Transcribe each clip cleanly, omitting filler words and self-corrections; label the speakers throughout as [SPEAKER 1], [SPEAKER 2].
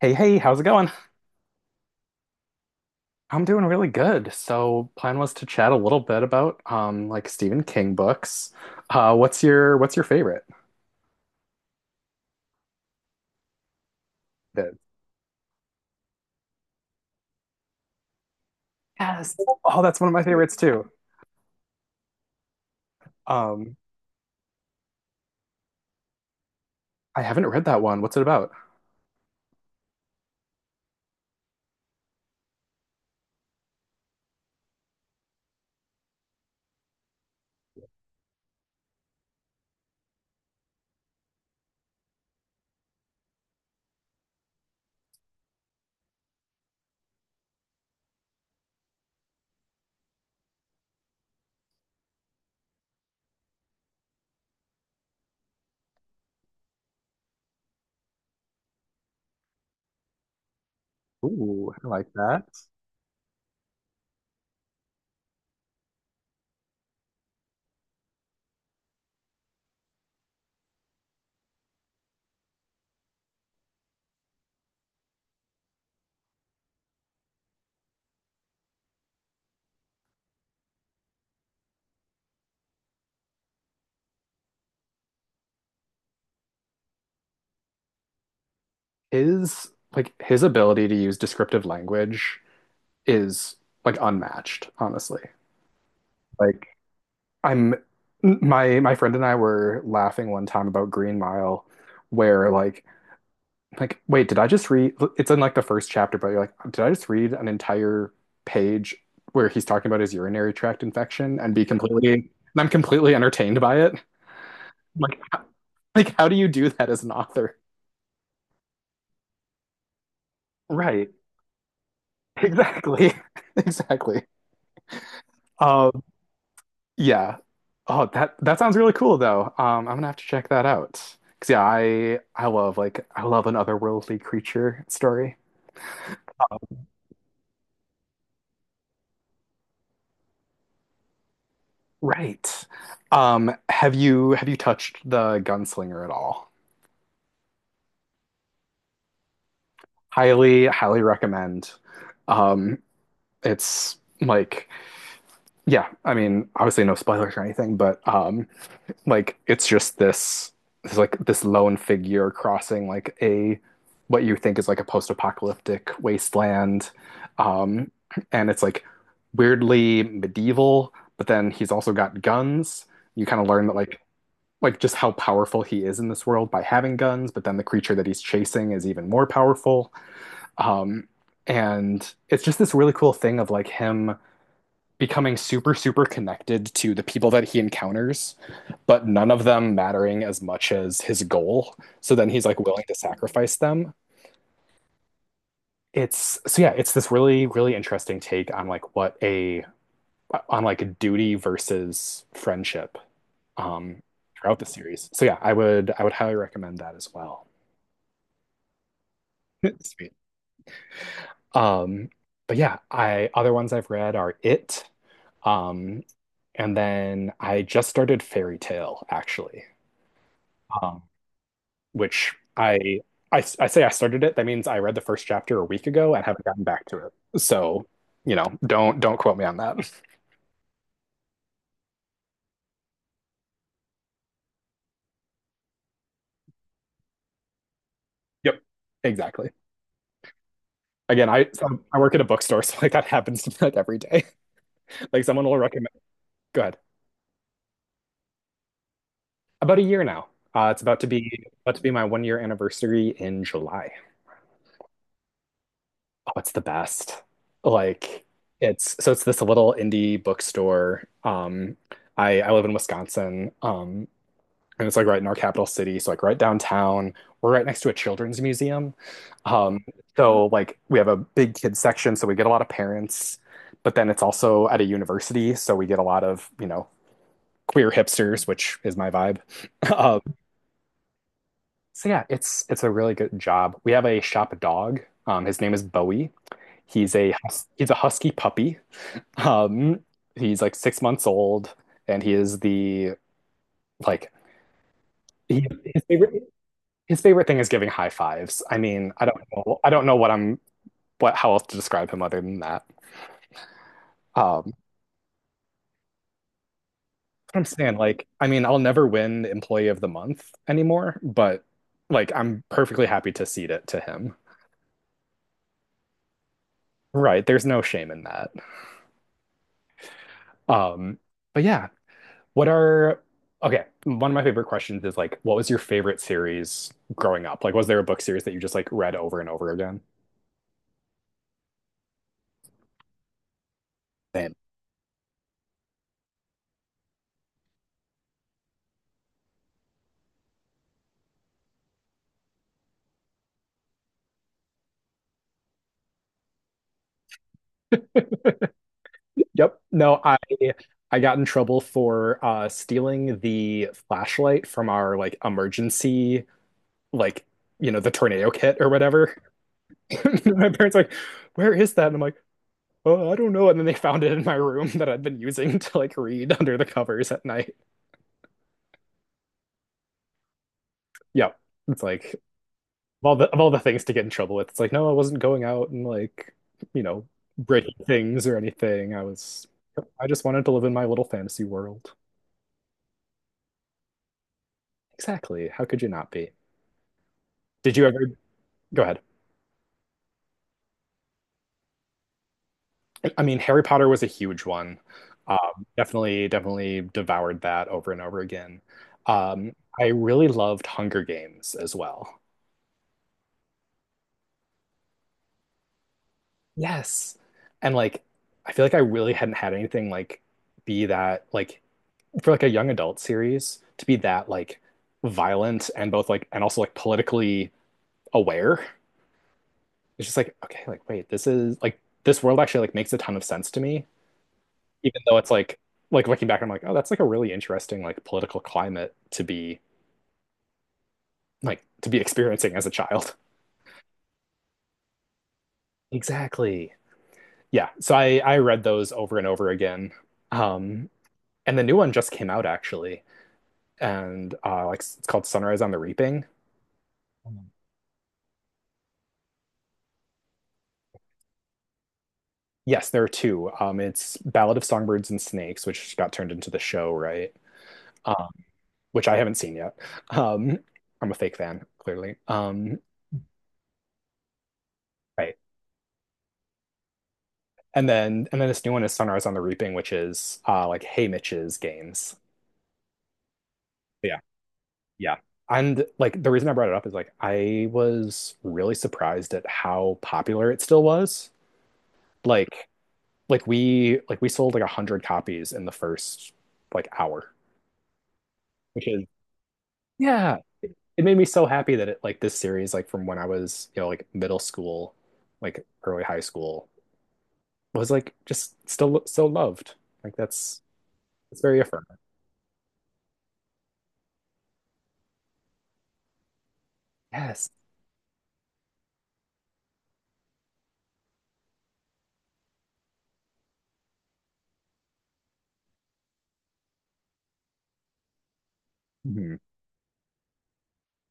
[SPEAKER 1] Hey, hey, how's it going? I'm doing really good. So, plan was to chat a little bit about like Stephen King books. What's your favorite? That- Yes. Oh, that's one of my favorites too. Um, I haven't read that one. What's it about? Ooh, I like that. His ability to use descriptive language is like unmatched, honestly. Like I'm my friend and I were laughing one time about Green Mile where like, wait, did I just read? It's in like the first chapter, but you're like, did I just read an entire page where he's talking about his urinary tract infection and I'm completely entertained by it? Like, like how do you do that as an author? Right. Exactly. Exactly. Um, yeah. Oh, that sounds really cool though. I'm gonna have to check that out. 'Cause yeah, I love like I love an otherworldly creature story. Right. Have you touched the Gunslinger at all? Highly, highly recommend. Um, it's like, yeah, I mean, obviously no spoilers or anything, but like it's like this lone figure crossing like a what you think is like a post-apocalyptic wasteland, um, and it's like weirdly medieval, but then he's also got guns. You kind of learn that like just how powerful he is in this world by having guns, but then the creature that he's chasing is even more powerful. Um, and it's just this really cool thing of like him becoming super, super connected to the people that he encounters, but none of them mattering as much as his goal. So then he's like willing to sacrifice them. It's so yeah, it's this really, really interesting take on like duty versus friendship um throughout the series. So yeah, I would highly recommend that as well. Sweet. Um but yeah, I other ones I've read are It. Um, and then I just started Fairy Tale, actually, um, which I, I say I started it. That means I read the first chapter a week ago and haven't gotten back to it. So, you know, don't quote me on that. Yep, exactly. Again, I so I work at a bookstore, so like that happens to me, like every day. Like someone will recommend. Go ahead. About a year now. It's about to be my 1 year anniversary in July. Oh, it's the best. Like it's so it's this little indie bookstore. I live in Wisconsin, and it's like right in our capital city, so like right downtown. We're right next to a children's museum. Um, so like we have a big kids section, so we get a lot of parents, but then it's also at a university, so we get a lot of, you know, queer hipsters, which is my vibe. Um, so yeah, it's a really good job. We have a shop dog. His name is Bowie. He's a husky puppy. Um, he's like 6 months old, and he is the like he, his favorite his favorite thing is giving high fives. I mean, I don't know what I'm what how else to describe him other than that. Um, I'm saying like, I mean, I'll never win Employee of the Month anymore, but like, I'm perfectly happy to cede it to him. Right? There's no shame in that. Um, but yeah, What are, okay, one of my favorite questions is like, what was your favorite series growing up? Like, was there a book series that you just like read over and over again? Same. Yep. No. I got in trouble for stealing the flashlight from our like emergency like you know the tornado kit or whatever. My parents were like, "Where is that?" And I'm like, "Oh, I don't know." And then they found it in my room that I'd been using to like read under the covers at night. Yep. It's like of all the things to get in trouble with. It's like, no, I wasn't going out and like, you know, breaking things or anything. I just wanted to live in my little fantasy world. Exactly. How could you not be? Did you ever go ahead? I mean, Harry Potter was a huge one. Definitely, definitely devoured that over and over again. Um, I really loved Hunger Games as well. Yes. And like, I feel like I really hadn't had anything like be that like for like a young adult series to be that like violent and also like politically aware. It's just like, okay, like wait, this is like this world actually like makes a ton of sense to me, even though it's like looking back, I'm like, oh, that's like a really interesting like political climate to be like to be experiencing as a child. Exactly. Yeah. So I read those over and over again. Um and the new one just came out actually and like it's called Sunrise on the Reaping. Yes, there are two. It's Ballad of Songbirds and Snakes, which got turned into the show, right? Uh, which I haven't seen yet. Um, I'm a fake fan, clearly. Right. And then this new one is Sunrise on the Reaping, which is like Hey Mitch's games. Yeah, yeah. And like the reason I brought it up is like I was really surprised at how popular it still was. Like we sold like a hundred copies in the first like hour, which is yeah. It made me so happy that it like this series, like from when I was, you know, like middle school, like early high school, was like just still so loved. Like that's it's very affirming. Yes. Hmm.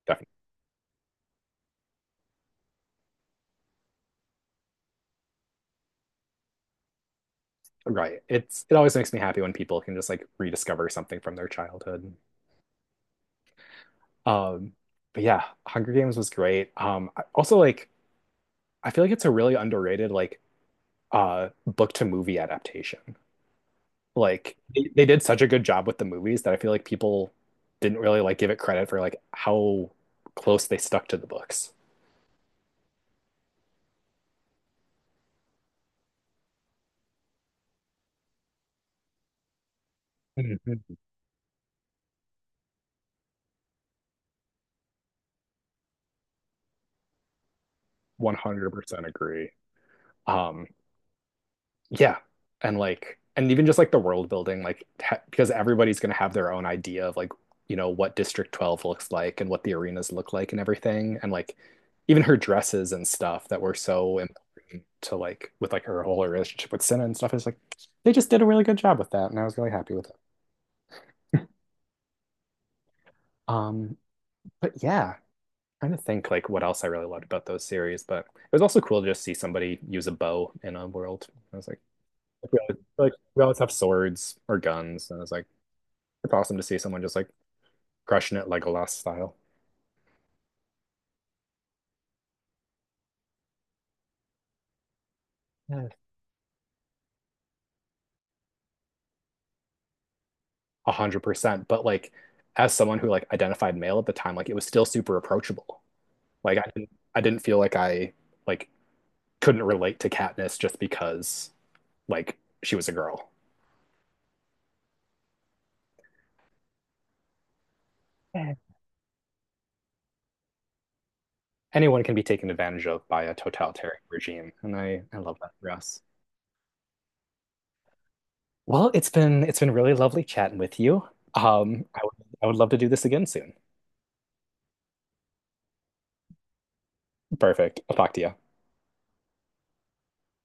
[SPEAKER 1] Definitely. Right. It always makes me happy when people can just like rediscover something from their childhood. Um, but yeah, Hunger Games was great. Also like I feel like it's a really underrated like book to movie adaptation. Like they did such a good job with the movies that I feel like people didn't really like give it credit for like how close they stuck to the books. Mhm. 100% agree. Um, yeah, and like, and even just like the world building, like, ha because everybody's gonna have their own idea of like, you know, what District 12 looks like and what the arenas look like and everything, and like, even her dresses and stuff that were so important to like, with like her whole relationship with Senna and stuff is like, they just did a really good job with that, and I was really happy with it. Um, But yeah, trying to think like what else I really loved about those series. But it was also cool to just see somebody use a bow in a world. I was like, we always, we always have swords or guns, and I was like, it's awesome to see someone just like crushing it Legolas style. Yeah. 100%. But like, as someone who like identified male at the time, like it was still super approachable. Like I didn't feel like I like couldn't relate to Katniss just because like she was a girl. Yeah. Anyone can be taken advantage of by a totalitarian regime, and I love that for us. Well, it's been really lovely chatting with you. Um, I would I would love to do this again soon. Perfect. I'll talk to you.